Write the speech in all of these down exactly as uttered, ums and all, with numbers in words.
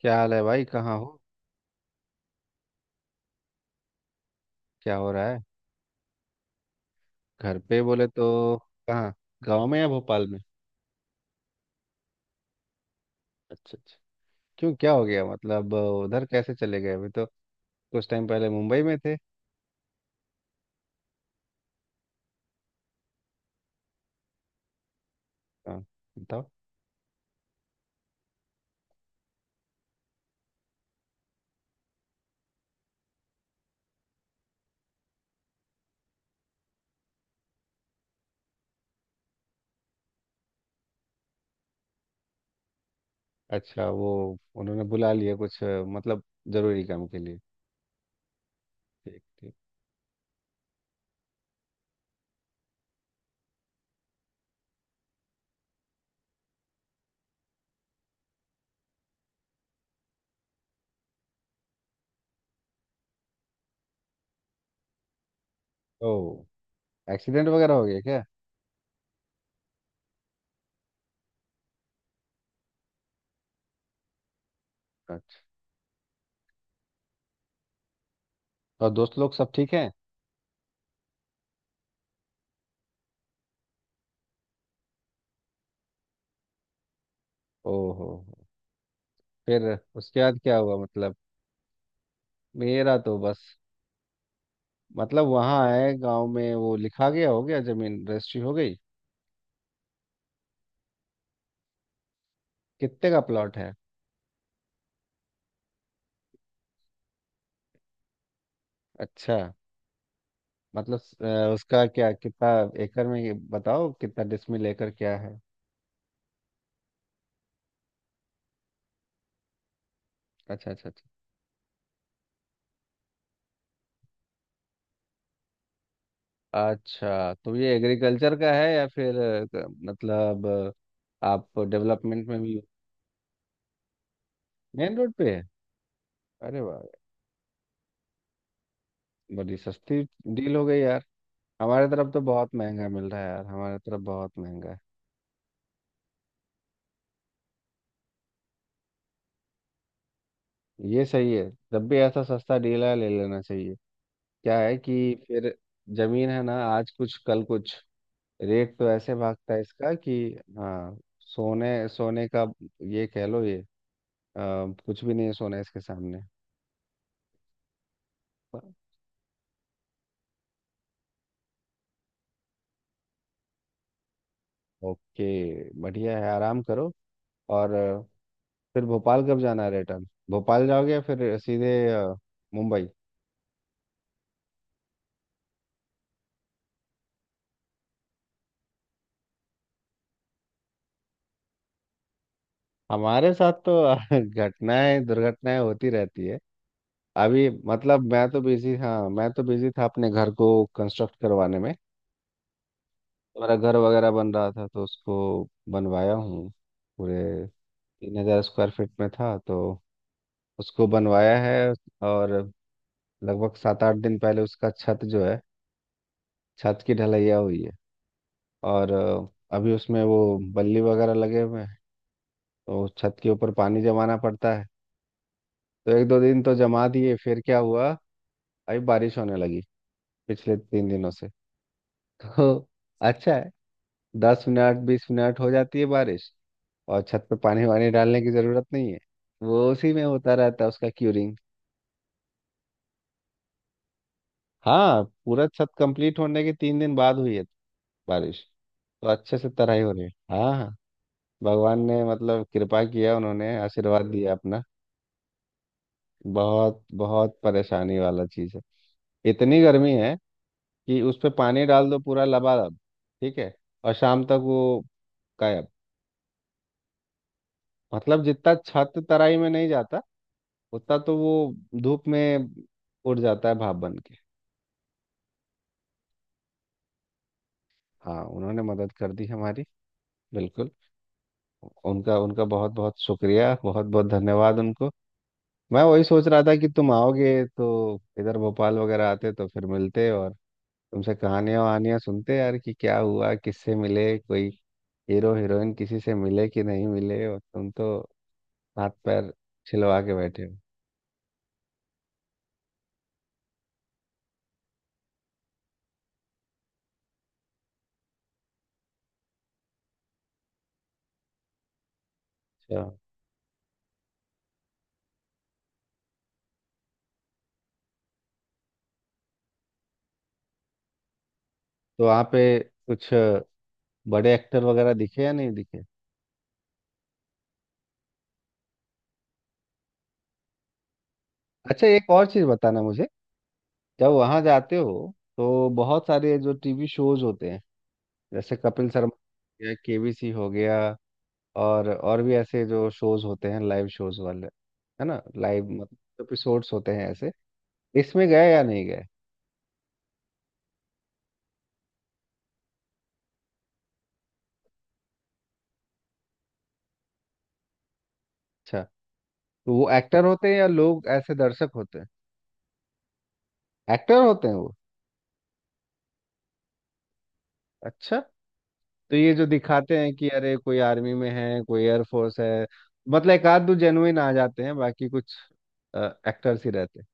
क्या हाल है भाई? कहाँ हो? क्या हो रहा है? घर पे बोले तो? कहाँ? गांव में या भोपाल में? अच्छा अच्छा। क्यों, क्या हो गया? मतलब उधर कैसे चले गए? अभी तो कुछ टाइम पहले मुंबई में थे। हाँ, बताओ। अच्छा, वो उन्होंने बुला लिया कुछ अ, मतलब जरूरी काम के लिए। ठीक ठीक। ओ, एक्सीडेंट वगैरह हो गया क्या? अच्छा। और दोस्त लोग सब ठीक हैं? ओहो। फिर उसके बाद क्या हुआ मतलब? मेरा तो बस। मतलब वहाँ आए गांव में वो लिखा गया, हो गया, जमीन रजिस्ट्री हो गई। कितने का प्लॉट है? अच्छा। मतलब अ, उसका क्या, कितना? एकड़ में ये बताओ, कितना डिसमिल एकड़ क्या है? अच्छा अच्छा अच्छा अच्छा। तो ये एग्रीकल्चर का है या फिर अ, क- मतलब अ, आप डेवलपमेंट में भी? मेन रोड पे है? अरे वाह! बड़ी सस्ती डील हो गई यार। हमारे तरफ तो बहुत महंगा मिल रहा है यार, हमारे तरफ बहुत महंगा है। ये सही है। जब भी ऐसा सस्ता डील है ले लेना चाहिए। क्या है कि फिर जमीन है ना, आज कुछ कल कुछ रेट तो ऐसे भागता है इसका कि, हाँ, सोने सोने का ये कह लो। ये अ, कुछ भी नहीं है सोना इसके सामने। ओके, बढ़िया है, आराम करो। और अ, फिर भोपाल कब जाना है? रिटर्न भोपाल जाओगे या फिर सीधे अ, मुंबई? हमारे साथ तो घटनाएं दुर्घटनाएं होती रहती है। अभी मतलब मैं तो बिजी, हाँ, मैं तो बिजी था अपने घर को कंस्ट्रक्ट करवाने में। मेरा घर वगैरह बन रहा था तो उसको बनवाया हूँ। पूरे तीन हजार स्क्वायर फीट में था तो उसको बनवाया है। और लगभग सात आठ दिन पहले उसका छत जो है, छत की ढलैया हुई है। और अ, अभी उसमें वो बल्ली वगैरह लगे हुए हैं। तो छत के ऊपर पानी जमाना पड़ता है। तो एक दो दिन तो जमा दिए, फिर क्या हुआ, अभी बारिश होने लगी पिछले तीन दिनों से। तो अच्छा है। दस मिनट बीस मिनट हो जाती है बारिश। और छत पे पानी वानी डालने की जरूरत नहीं है, वो उसी में होता रहता है उसका क्यूरिंग। हाँ, पूरा छत कंप्लीट होने के तीन दिन बाद हुई है बारिश। तो अच्छे से तराई हो रही है, हाँ हाँ। भगवान ने मतलब कृपा किया, उन्होंने आशीर्वाद दिया अपना। बहुत बहुत परेशानी वाला चीज़ है। इतनी गर्मी है कि उस पे पानी डाल दो पूरा लबालब, ठीक है, और शाम तक वो गायब। मतलब जितना छत तराई में नहीं जाता, उतना तो वो धूप में उड़ जाता है भाप बन के। हाँ, उन्होंने मदद कर दी हमारी। बिल्कुल। उनका उनका बहुत बहुत शुक्रिया, बहुत बहुत धन्यवाद उनको। मैं वही सोच रहा था कि तुम आओगे तो इधर भोपाल वगैरह आते तो फिर मिलते, और तुमसे कहानियां वहानियां सुनते यार कि क्या हुआ, किससे मिले, कोई हीरो हीरोइन किसी से मिले कि नहीं मिले, और तुम तो हाथ पैर छिलवा के बैठे हो। अच्छा। तो वहाँ पे कुछ बड़े एक्टर वगैरह दिखे या नहीं दिखे? अच्छा, एक और चीज़ बताना मुझे। जब वहाँ जाते हो तो बहुत सारे जो टीवी शोज होते हैं, जैसे कपिल शर्मा हो गया, के बी सी हो गया, और और भी ऐसे जो शोज होते हैं, लाइव शोज वाले, है ना? लाइव मतलब एपिसोड्स होते हैं ऐसे। इसमें गए या नहीं गए? अच्छा। तो वो एक्टर होते हैं या लोग ऐसे दर्शक होते हैं? एक्टर होते हैं वो? अच्छा। तो ये जो दिखाते हैं कि अरे कोई आर्मी में है कोई एयरफोर्स है, मतलब एक आध दो जेनुइन आ जाते हैं, बाकी कुछ एक्टर्स ही रहते हैं।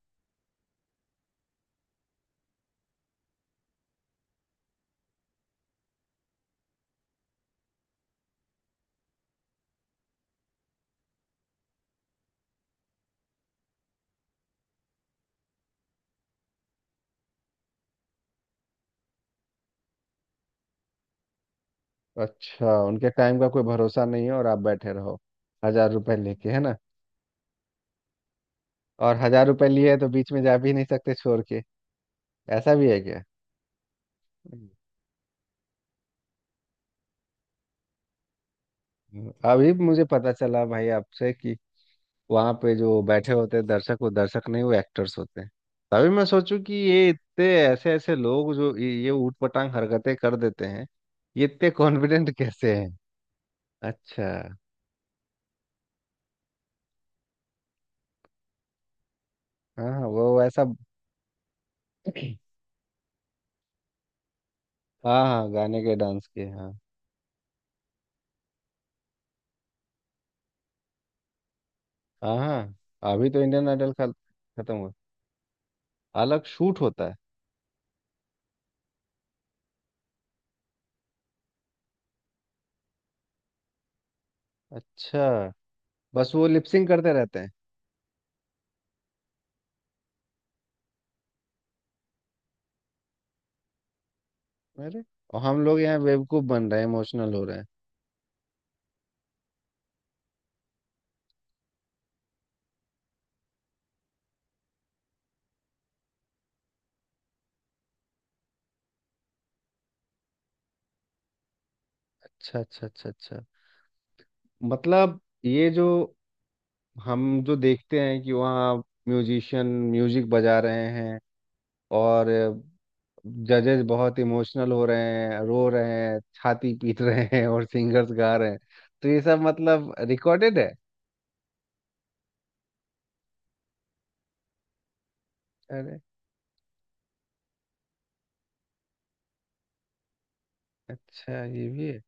अच्छा। उनके टाइम का कोई भरोसा नहीं है और आप बैठे रहो हजार रुपए लेके, है ना? और हजार रुपए लिए हैं तो बीच में जा भी नहीं सकते छोड़ के, ऐसा भी है क्या? हम्म। अभी मुझे पता चला भाई आपसे कि वहां पे जो बैठे होते हैं दर्शक, वो दर्शक नहीं, वो एक्टर्स होते हैं। तभी मैं सोचूं कि ये इतने ऐसे ऐसे लोग जो ये ये ऊटपटांग हरकतें कर देते हैं, ये इतने कॉन्फिडेंट कैसे हैं? अच्छा। हाँ हाँ, वो ऐसा। हाँ हाँ, गाने के डांस के, हाँ। हाँ हाँ, अभी तो इंडियन आइडल खत्म हुआ। अलग शूट होता है? अच्छा। बस वो लिपसिंग करते रहते हैं? अरे! और हम लोग यहाँ बेवकूफ बन रहे हैं, इमोशनल हो रहे हैं। अच्छा अच्छा अच्छा अच्छा। मतलब ये जो हम जो देखते हैं कि वहाँ म्यूजिशियन म्यूजिक बजा रहे हैं, और जजेस बहुत इमोशनल हो रहे हैं, रो रहे हैं, छाती पीट रहे हैं, और सिंगर्स गा रहे हैं, तो ये सब मतलब रिकॉर्डेड है? अरे! अच्छा, ये भी है।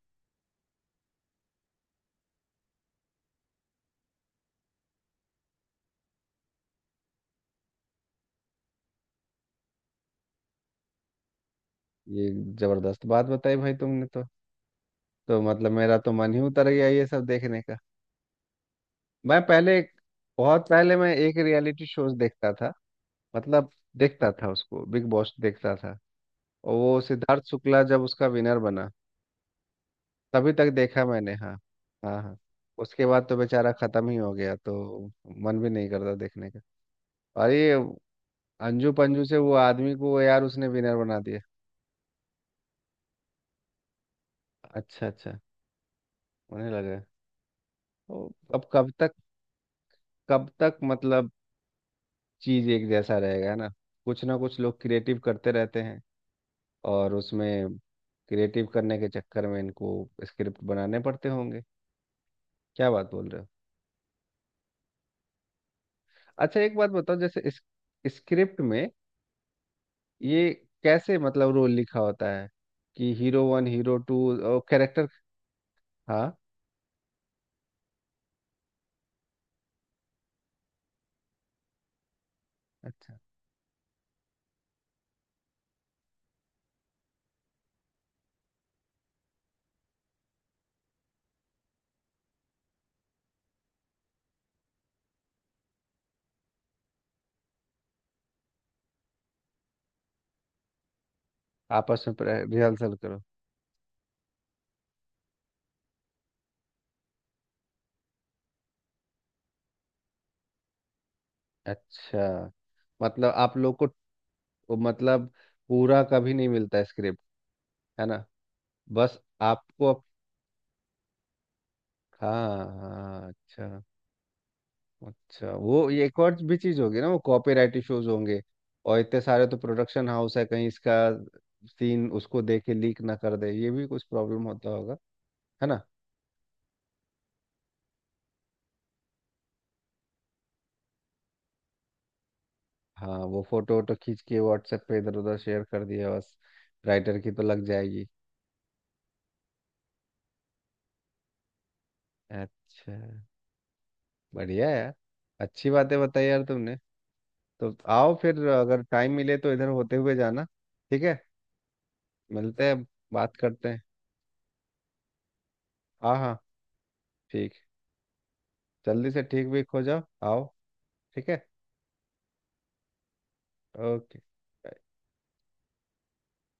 ये जबरदस्त बात बताई भाई तुमने तो तो मतलब मेरा तो मन ही उतर गया ये सब देखने का। मैं पहले एक- बहुत पहले मैं एक रियलिटी शोज देखता था, मतलब देखता था उसको, बिग बॉस देखता था। और वो सिद्धार्थ शुक्ला जब उसका विनर बना, तभी तक देखा मैंने। हाँ हाँ हाँ। उसके बाद तो बेचारा खत्म ही हो गया, तो मन भी नहीं करता देखने का। और ये अंजू पंजू से वो आदमी को यार, उसने विनर बना दिया। अच्छा अच्छा, उन्हें लगा तो। अब कब तक, कब तक मतलब चीज एक जैसा रहेगा ना, कुछ ना कुछ लोग क्रिएटिव करते रहते हैं, और उसमें क्रिएटिव करने के चक्कर में इनको स्क्रिप्ट बनाने पड़ते होंगे। क्या बात बोल रहे हो! अच्छा, एक बात बताओ, जैसे इस स्क्रिप्ट में ये कैसे मतलब रोल लिखा होता है कि हीरो वन, हीरो टू और कैरेक्टर? हाँ, अच्छा। आपस में रिहर्सल करो? अच्छा, मतलब आप लोग को मतलब पूरा कभी नहीं मिलता स्क्रिप्ट, है ना? बस आपको। हाँ हाँ, अच्छा। अच्छा, वो ये एक और भी चीज होगी ना, वो कॉपीराइट इश्यूज होंगे। और इतने सारे तो प्रोडक्शन हाउस है, कहीं इसका सीन उसको दे के लीक ना कर दे, ये भी कुछ प्रॉब्लम होता होगा, है ना? हाँ, वो फोटो वोटो खींच के व्हाट्सएप पे इधर उधर शेयर कर दिया बस, राइटर की तो लग जाएगी। अच्छा, बढ़िया यार। अच्छी बातें बताई यार तुमने। तो आओ फिर, अगर टाइम मिले तो इधर होते हुए जाना। ठीक है, मिलते हैं। बात करते हैं। हाँ हाँ, ठीक। जल्दी से ठीक भी हो जाओ, आओ। ठीक है। ओके।